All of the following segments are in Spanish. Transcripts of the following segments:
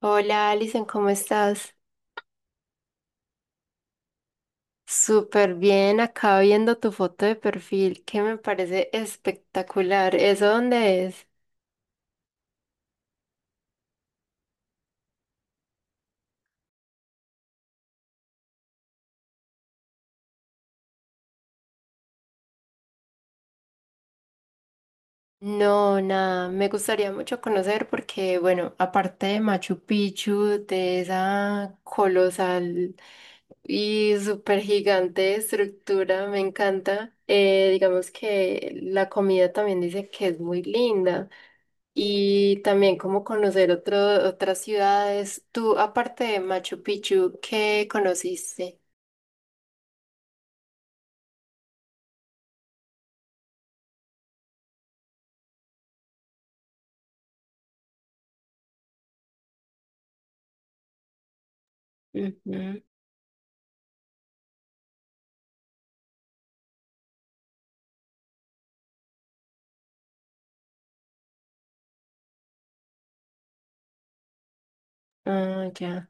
Hola Alison, ¿cómo estás? Súper bien, acá viendo tu foto de perfil que me parece espectacular. ¿Eso dónde es? No, nada, me gustaría mucho conocer porque, bueno, aparte de Machu Picchu, de esa colosal y súper gigante estructura, me encanta. Digamos que la comida también dice que es muy linda. Y también como conocer otras ciudades. Tú, aparte de Machu Picchu, ¿qué conociste? Ujú. Ah, ya.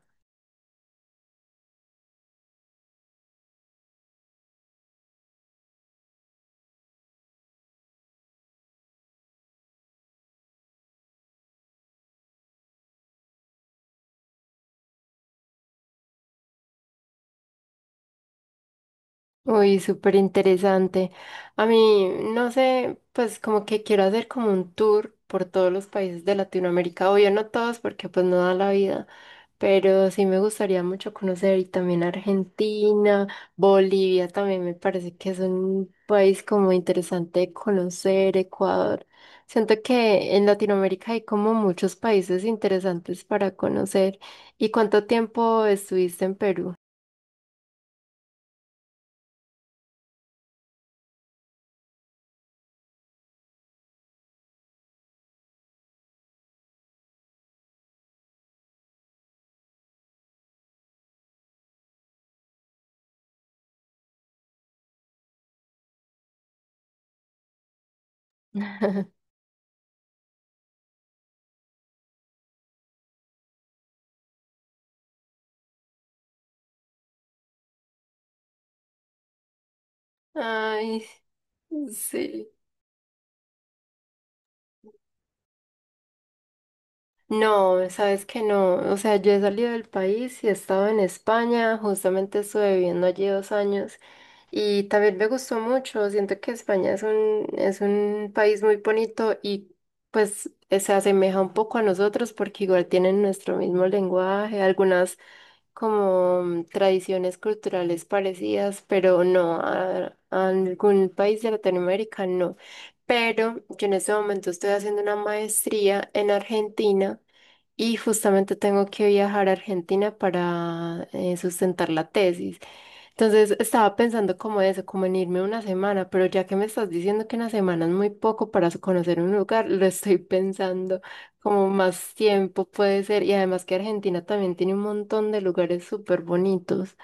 Uy, súper interesante. A mí, no sé, pues como que quiero hacer como un tour por todos los países de Latinoamérica. Obvio, no todos porque pues no da la vida, pero sí me gustaría mucho conocer y también Argentina, Bolivia también me parece que es un país como interesante de conocer, Ecuador. Siento que en Latinoamérica hay como muchos países interesantes para conocer. ¿Y cuánto tiempo estuviste en Perú? Ay, sí. No, sabes que no. O sea, yo he salido del país y he estado en España. Justamente estuve viviendo allí 2 años y también me gustó mucho. Siento que España es es un país muy bonito y pues se asemeja un poco a nosotros porque igual tienen nuestro mismo lenguaje, algunas como tradiciones culturales parecidas, pero no a algún país de Latinoamérica, no. Pero yo en este momento estoy haciendo una maestría en Argentina y justamente tengo que viajar a Argentina para sustentar la tesis. Entonces estaba pensando como eso, como en irme una semana, pero ya que me estás diciendo que una semana es muy poco para conocer un lugar, lo estoy pensando como más tiempo puede ser. Y además que Argentina también tiene un montón de lugares súper bonitos.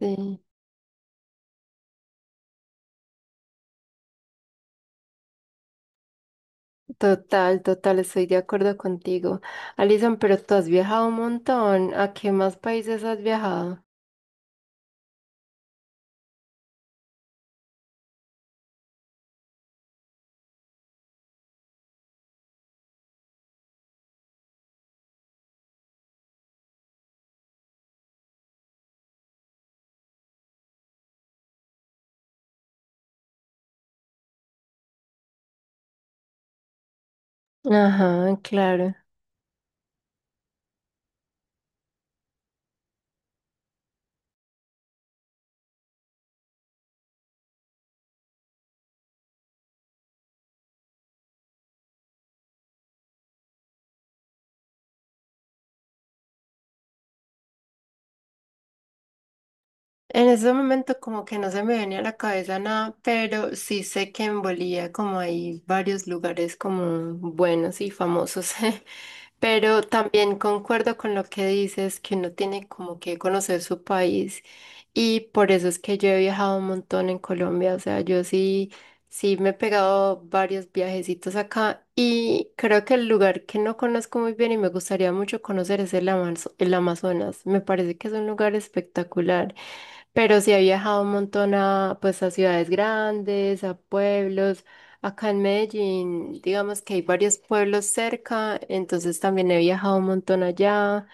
Sí, total, estoy de acuerdo contigo. Alison, pero tú has viajado un montón. ¿A qué más países has viajado? Ajá, claro. En ese momento como que no se me venía a la cabeza nada, pero sí sé que en Bolivia como hay varios lugares como buenos y famosos, pero también concuerdo con lo que dices, que uno tiene como que conocer su país y por eso es que yo he viajado un montón en Colombia, o sea, sí me he pegado varios viajecitos acá y creo que el lugar que no conozco muy bien y me gustaría mucho conocer es el Amazonas, me parece que es un lugar espectacular. Pero sí he viajado un montón pues, a ciudades grandes, a pueblos. Acá en Medellín, digamos que hay varios pueblos cerca, entonces también he viajado un montón allá.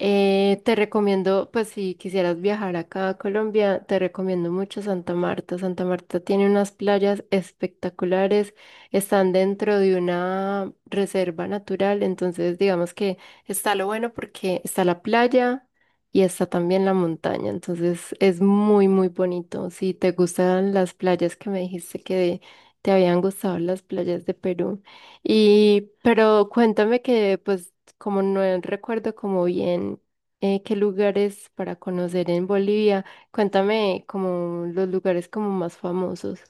Te recomiendo, pues si quisieras viajar acá a Colombia, te recomiendo mucho Santa Marta. Santa Marta tiene unas playas espectaculares, están dentro de una reserva natural, entonces digamos que está lo bueno porque está la playa y está también la montaña, entonces es muy, muy bonito. Si te gustan las playas, que me dijiste que te habían gustado las playas de Perú. Y, pero cuéntame que pues como no recuerdo como bien qué lugares para conocer en Bolivia, cuéntame como los lugares como más famosos.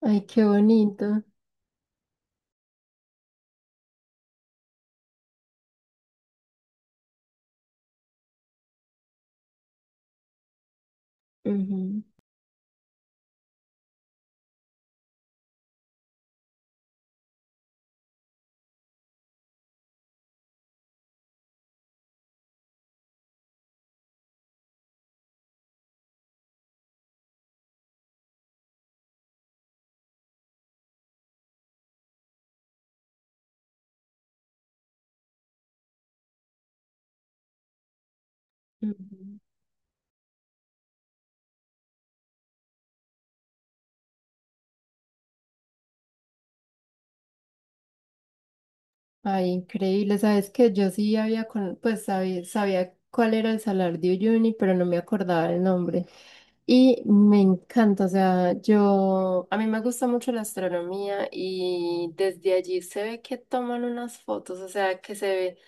Ay, qué bonito. Ujú, ujú. Ay, increíble. Sabes que yo sí pues sabía cuál era el Salar de Uyuni, pero no me acordaba el nombre. Y me encanta, o sea, yo, a mí me gusta mucho la astronomía y desde allí se ve que toman unas fotos, o sea, que se ve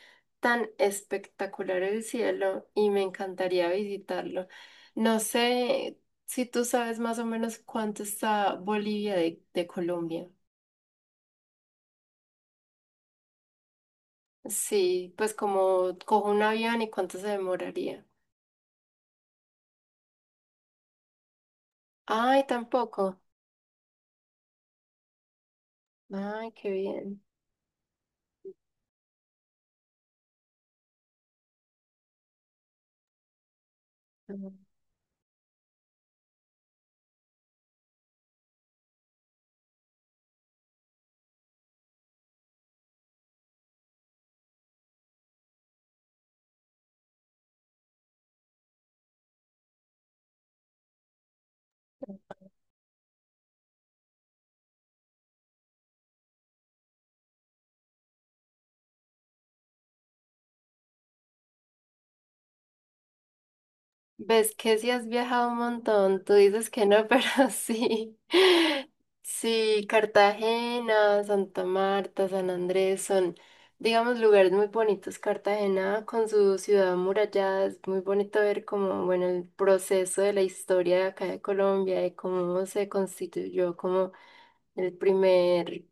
tan espectacular el cielo y me encantaría visitarlo. No sé si tú sabes más o menos cuánto está Bolivia de Colombia. Sí, pues como cojo un avión y cuánto se demoraría. Ay, tampoco. Ay, qué bien. Ves que sí has viajado un montón, tú dices que no, pero sí. Sí, Cartagena, Santa Marta, San Andrés son, digamos, lugares muy bonitos. Cartagena con su ciudad amurallada es muy bonito ver como, bueno, el proceso de la historia de acá de Colombia de cómo se constituyó como el primer,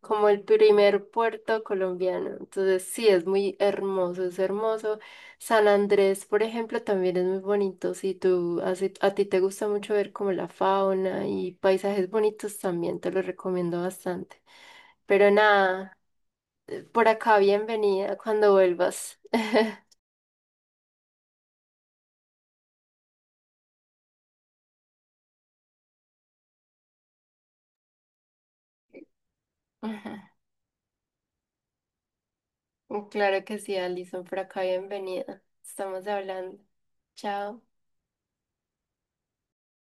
como el primer puerto colombiano. Entonces, sí, es muy hermoso, es hermoso. San Andrés, por ejemplo, también es muy bonito. Si a ti te gusta mucho ver como la fauna y paisajes bonitos, también te lo recomiendo bastante. Pero nada, por acá bienvenida cuando vuelvas. Ujú. Claro que sí, Alison, por acá bienvenida. Estamos hablando. Chao.